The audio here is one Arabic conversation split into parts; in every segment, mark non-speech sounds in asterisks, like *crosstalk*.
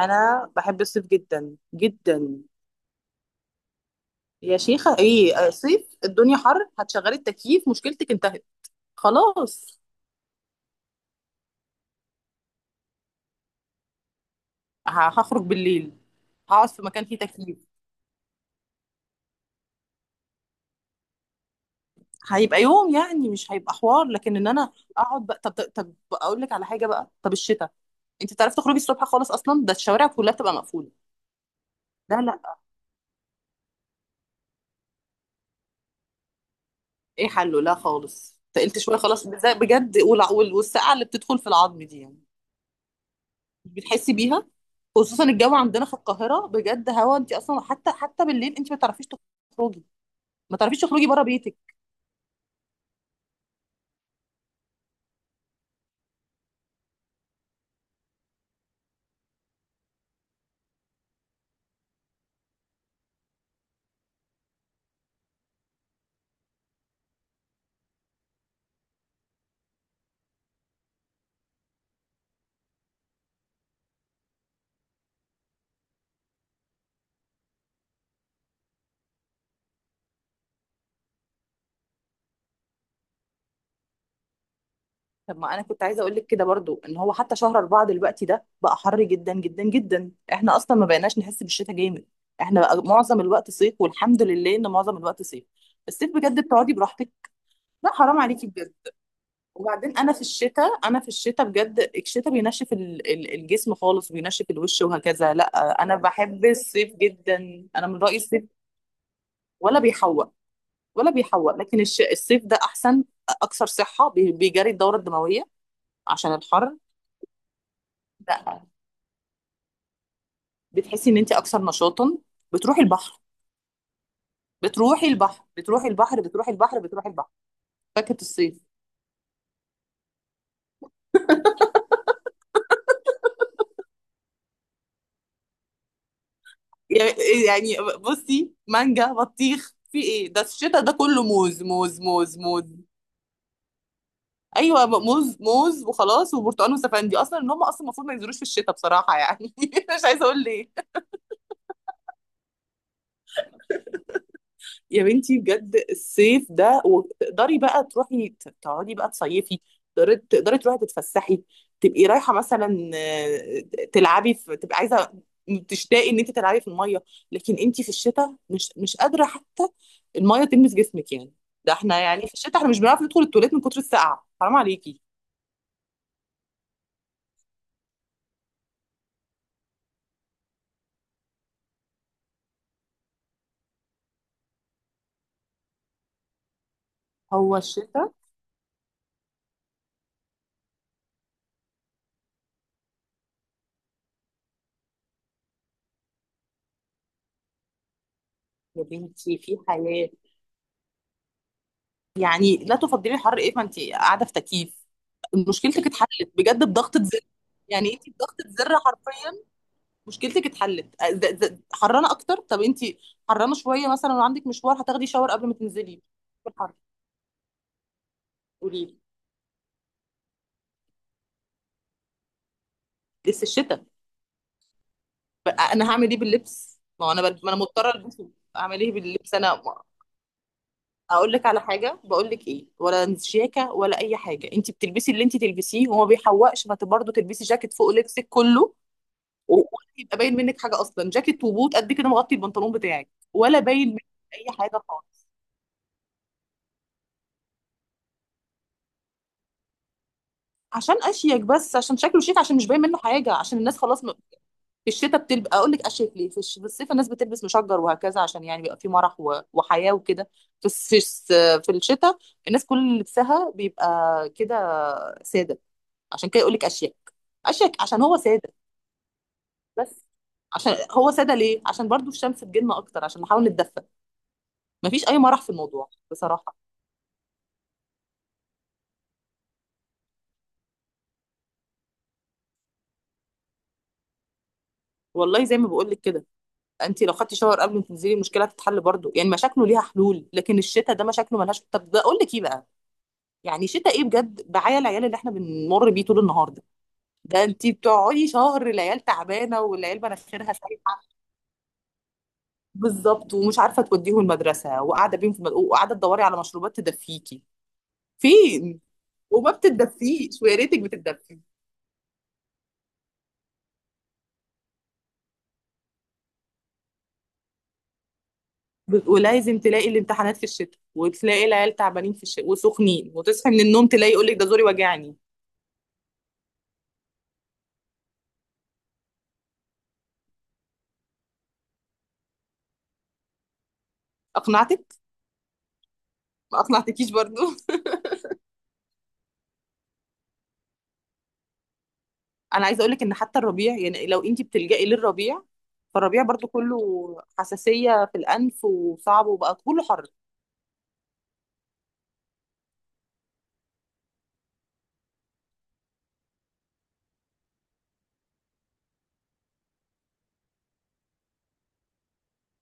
انا بحب الصيف جدا جدا. يا شيخه ايه صيف الدنيا حر، هتشغلي التكييف مشكلتك انتهت خلاص. هخرج بالليل، هقعد في مكان فيه تكييف. هيبقى يوم يعني، مش هيبقى حوار، لكن ان انا اقعد بقى. طب اقول لك على حاجه بقى. طب الشتاء، انت بتعرفي تخرجي الصبح خالص اصلا؟ ده الشوارع كلها بتبقى مقفوله. لا لا. ايه حله؟ لا خالص. تقلت شويه خلاص بجد، والسقعه اللي بتدخل في العظم دي يعني، مش بتحسي بيها؟ خصوصا الجو عندنا في القاهره بجد، هوا انت اصلا حتى بالليل انت ما تعرفيش تخرجي، ما تعرفيش تخرجي بره بيتك. طب ما انا كنت عايزه اقول لك كده برضو، ان هو حتى شهر اربعه دلوقتي ده بقى حر جدا جدا جدا. احنا اصلا ما بقيناش نحس بالشتاء جامد. احنا بقى معظم الوقت صيف، والحمد لله ان معظم الوقت صيف. الصيف بجد بتقعدي براحتك. لا حرام عليكي بجد. وبعدين انا في الشتاء، بجد، الشتاء بينشف الجسم خالص، وبينشف الوش وهكذا. لا انا بحب الصيف جدا، انا من رايي الصيف. ولا بيحوق، ولا بيحوق. لكن الصيف ده احسن، اكثر صحه، بيجري الدوره الدمويه عشان الحر. لا، بتحسي ان انت اكثر نشاطا، بتروحي البحر. بتروحي البحر، بتروحي البحر، بتروحي البحر، بتروحي البحر. فاكهه الصيف، يعني بصي، مانجا، بطيخ، في ايه؟ ده الشتاء ده كله موز، موز، موز، موز. ايوه موز موز، وخلاص، وبرتقال وسفندي اصلا. ان هم اصلا المفروض ما ينزلوش في الشتاء بصراحه يعني. *laughs* مش عايزه اقول ليه. يا بنتي بجد الصيف ده، وتقدري بقى تروحي تقعدي بقى تصيفي. تقدري، تروحي تتفسحي، تبقي رايحه مثلا تلعبي، في تبقي عايزه تشتاقي ان انت تلعبي في الميه، لكن انت في الشتاء مش قادره حتى الميه تلمس جسمك يعني. ده احنا يعني في الشتاء احنا مش بنعرف ندخل التواليت من كتر السقعه، حرام عليكي. هو الشتاء. يا بنتي في حياه يعني، لا تفضلي الحر ايه؟ ما انت قاعده في تكييف، مشكلتك اتحلت بجد بضغطه زر. يعني انت بضغطه زر حرفيا مشكلتك اتحلت. حرانه اكتر؟ طب انت حرانه شويه مثلا وعندك مشوار، هتاخدي شاور قبل ما تنزلي في الحر. قولي لي. لسه الشتاء؟ بقى انا هعمل ايه باللبس؟ ما هو انا ما انا مضطره البسه، اعمل ايه باللبس؟ انا ما- اقول لك على حاجه، بقول لك ايه ولا شياكه ولا اي حاجه، انت بتلبسي اللي انت تلبسيه وما بيحوقش، ما برضه تلبسي جاكيت فوق لبسك كله. ولا يبقى باين منك حاجه اصلا، جاكيت وبوت قد كده مغطي البنطلون بتاعك، ولا باين منك اي حاجه خالص. عشان اشيك؟ بس عشان شكله شيك، عشان مش باين منه حاجه، عشان الناس خلاص في الشتاء بتلبس، اقول لك اشيك ليه؟ في الصيف الناس بتلبس مشجر وهكذا، عشان يعني بيبقى في مرح وحياه وكده. في الس... في الس... في الشتاء الناس كل لبسها بيبقى كده ساده، عشان كده يقول لك اشيك. اشيك عشان هو ساده بس. عشان هو ساده ليه؟ عشان برضو الشمس تجيلنا اكتر، عشان نحاول نتدفى. مفيش اي مرح في الموضوع بصراحه. والله زي ما بقول لك كده، انت لو خدتي شاور قبل ما تنزلي المشكله هتتحل برضو. يعني مشاكله ليها حلول، لكن الشتاء ده مشاكله ملهاش. طب ده اقول لك ايه بقى. يعني شتاء ايه بجد؟ بعيا العيال اللي احنا بنمر بيه طول النهار ده. ده انت بتقعدي شهر، العيال تعبانه والعيال مناخيرها سايحه. بالظبط، ومش عارفه توديهم المدرسه، وقاعده بيهم في وقاعده تدوري على مشروبات تدفيكي، فين؟ وما بتدفيش، ويا ريتك بتدفي. ولازم تلاقي الامتحانات في الشتاء، وتلاقي العيال تعبانين في الشتاء وسخنين، وتصحي من النوم تلاقي يقول لك ده زوري وجعني. اقنعتك؟ ما اقنعتكيش برضو؟ انا عايزه اقول لك ان حتى الربيع، يعني لو انت بتلجئي للربيع، فالربيع برضو كله حساسيه في الانف، وصعب، وبقى كله حر.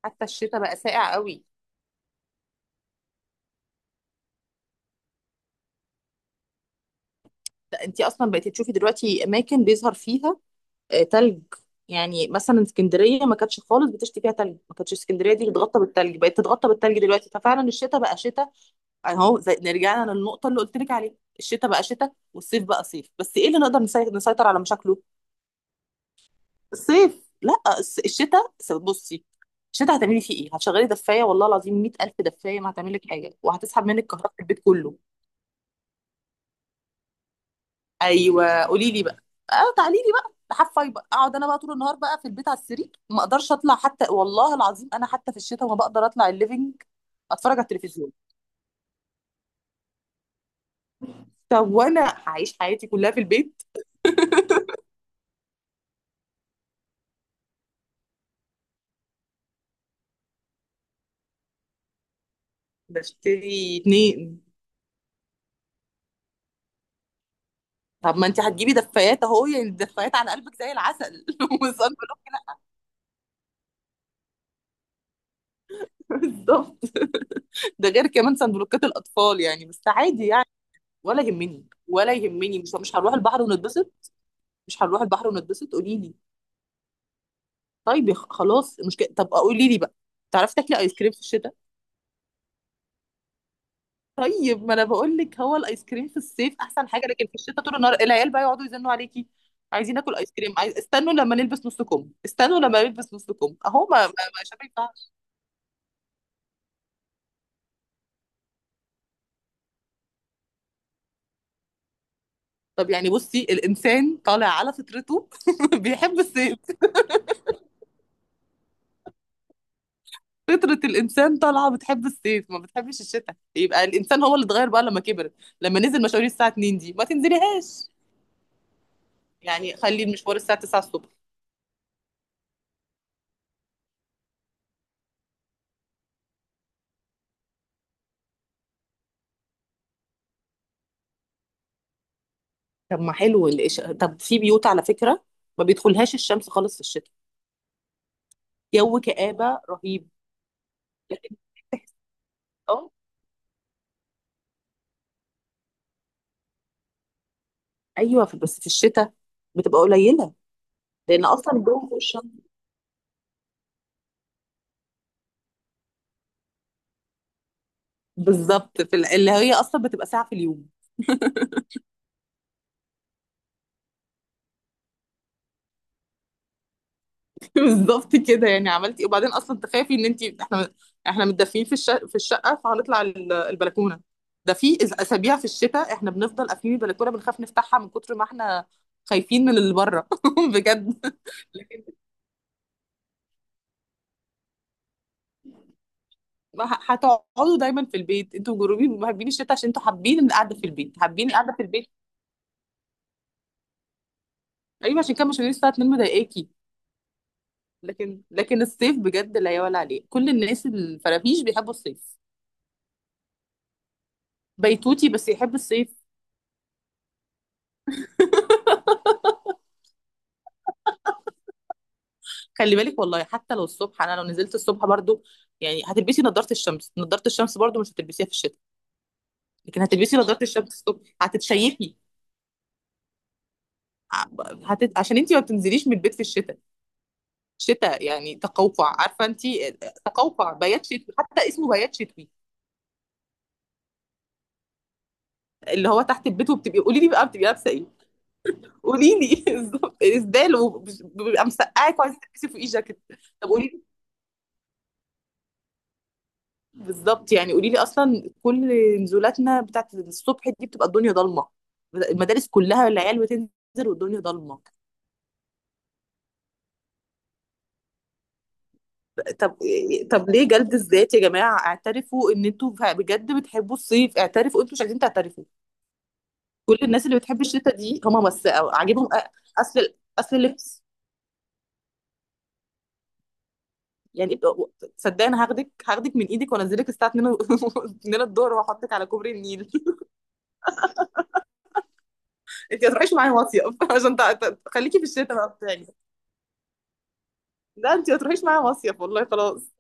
حتى الشتاء بقى ساقع قوي. ده انت اصلا بقيتي تشوفي دلوقتي اماكن بيظهر فيها تلج. يعني مثلا اسكندريه ما كانتش خالص بتشتي فيها تلج، ما كانتش اسكندريه دي بتغطى بالتلج، بقت تتغطى بالتلج دلوقتي. ففعلا الشتاء بقى شتاء. اهو زي نرجعنا للنقطه اللي قلت لك عليها، الشتاء بقى شتاء والصيف بقى صيف. بس ايه اللي نقدر نسيطر على مشاكله؟ صيف. لا الشتاء بصي، الشتاء هتعملي فيه ايه؟ هتشغلي دفايه؟ والله العظيم 100,000 دفايه ما هتعمل لك حاجه، وهتسحب منك كهرباء البيت كله. ايوه قولي لي بقى. اه تعالي لي بقى لحفاي بقى، اقعد انا بقى طول النهار بقى في البيت على السرير، ما اقدرش اطلع حتى. والله العظيم انا حتى في الشتاء ما بقدر اطلع الليفينج اتفرج على التلفزيون. طب وانا هعيش حياتي كلها في البيت؟ بشتري اتنين. طب ما انت هتجيبي دفايات اهو، يعني الدفايات على قلبك زي العسل. *laughs* وصلنا. بالظبط. ده غير كمان صندوقات الاطفال، يعني بس عادي يعني. ولا يهمني، ولا يهمني. مش هنروح البحر ونتبسط؟ مش هنروح البحر ونتبسط، قولي لي. طيب يا خلاص مشكله. طب قولي لي بقى، تعرفي تاكلي ايس كريم في الشتاء؟ طيب ما انا بقول لك، هو الايس كريم في الصيف احسن حاجه، لكن في الشتاء طول النهار العيال بقى يقعدوا يزنوا عليكي، عايزين ناكل ايس كريم، عايز. استنوا لما نلبس نص كم، استنوا لما نلبس نص كم اهو. ما شباب، ينفعش. طب يعني بصي، الانسان طالع على فطرته. *laughs* بيحب الصيف. فطرة الإنسان طالعة بتحب الصيف ما بتحبش الشتاء، يبقى الإنسان هو اللي اتغير بقى لما كبر. لما نزل مشاوير الساعة 2 دي ما تنزليهاش، يعني خلي المشوار الساعة 9 الصبح. طب ما حلو طب في بيوت على فكرة ما بيدخلهاش الشمس خالص في الشتاء، جو كآبة رهيب. لكن تحس، اه. ايوه بس في الشتاء بتبقى قليلة، لأن أصلا الجو فوق الشمس. بالظبط، اللي هي أصلا بتبقى ساعة في اليوم. *laughs* بالظبط كده. يعني عملتي إيه؟ وبعدين اصلا تخافي، ان انت احنا، احنا متدفيين في الشقه، فهنطلع البلكونه؟ ده في اسابيع في الشتاء احنا بنفضل قافلين البلكونه، بنخاف نفتحها من كتر ما احنا خايفين من اللي بره. *laughs* بجد. لكن ما هتقعدوا دايما في البيت، انتوا جروبي محبين الشتاء عشان انتوا حابين القعده في البيت، حابين القعده في البيت. ايوه عشان كده مش هنيجي الساعه 2 مضايقاكي. لكن الصيف بجد لا يعلى عليه، كل الناس الفرافيش بيحبوا الصيف. بيتوتي بس يحب الصيف. خلي بالك، والله حتى لو الصبح انا لو نزلت الصبح برضو، يعني هتلبسي نظارة الشمس. نظارة الشمس برضو مش هتلبسيها في الشتاء، لكن هتلبسي نظارة الشمس الصبح، هتتشيكي. ع- عشان انت ما بتنزليش من البيت في الشتاء. شتاء يعني تقوقع، عارفه انت؟ تقوقع، بيات شتوي، حتى اسمه بيات شتوي. اللي هو تحت البيت. وبتبقي، قولي لي بقى، بتبقي لابسه ايه؟ قولي لي. *laughs* بالظبط، اسدال، وبيبقى مسقعك وعايزه تلبسي فوقيه جاكيت. طب قولي، بالظبط. يعني قولي لي اصلا، كل نزولاتنا بتاعت الصبح دي بتبقى الدنيا ضلمه. المدارس كلها العيال بتنزل والدنيا ضلمه. طب، طب ليه جلد الذات يا جماعه؟ اعترفوا ان انتوا بجد بتحبوا الصيف. اعترفوا، انتوا مش عايزين تعترفوا. كل الناس اللي بتحب الشتاء دي هم بس عاجبهم اصل، اصل اللبس يعني. صدقني أنا هاخدك، من ايدك وانزلك الساعه 2، *laughs* 2 الظهر، واحطك على كوبري النيل *laughs* انت ما تروحيش معايا مصيف. *laughs* عشان خليكي في الشتاء بقى بتاعي. لا انت ما تروحيش معايا مصيف والله، خلاص.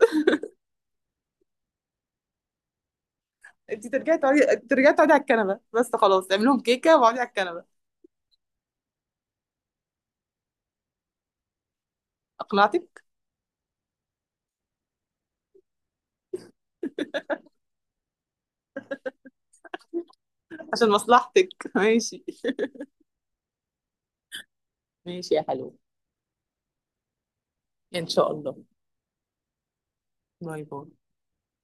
*laughs* انت ترجعي تقعدي، ترجعي تقعي على الكنبه بس. خلاص اعمل لهم كيكه واقعدي على الكنبه. اقنعتك؟ عشان مصلحتك. *laughs* ماشي. ماشي يا حلو، ان شاء الله. باي باي.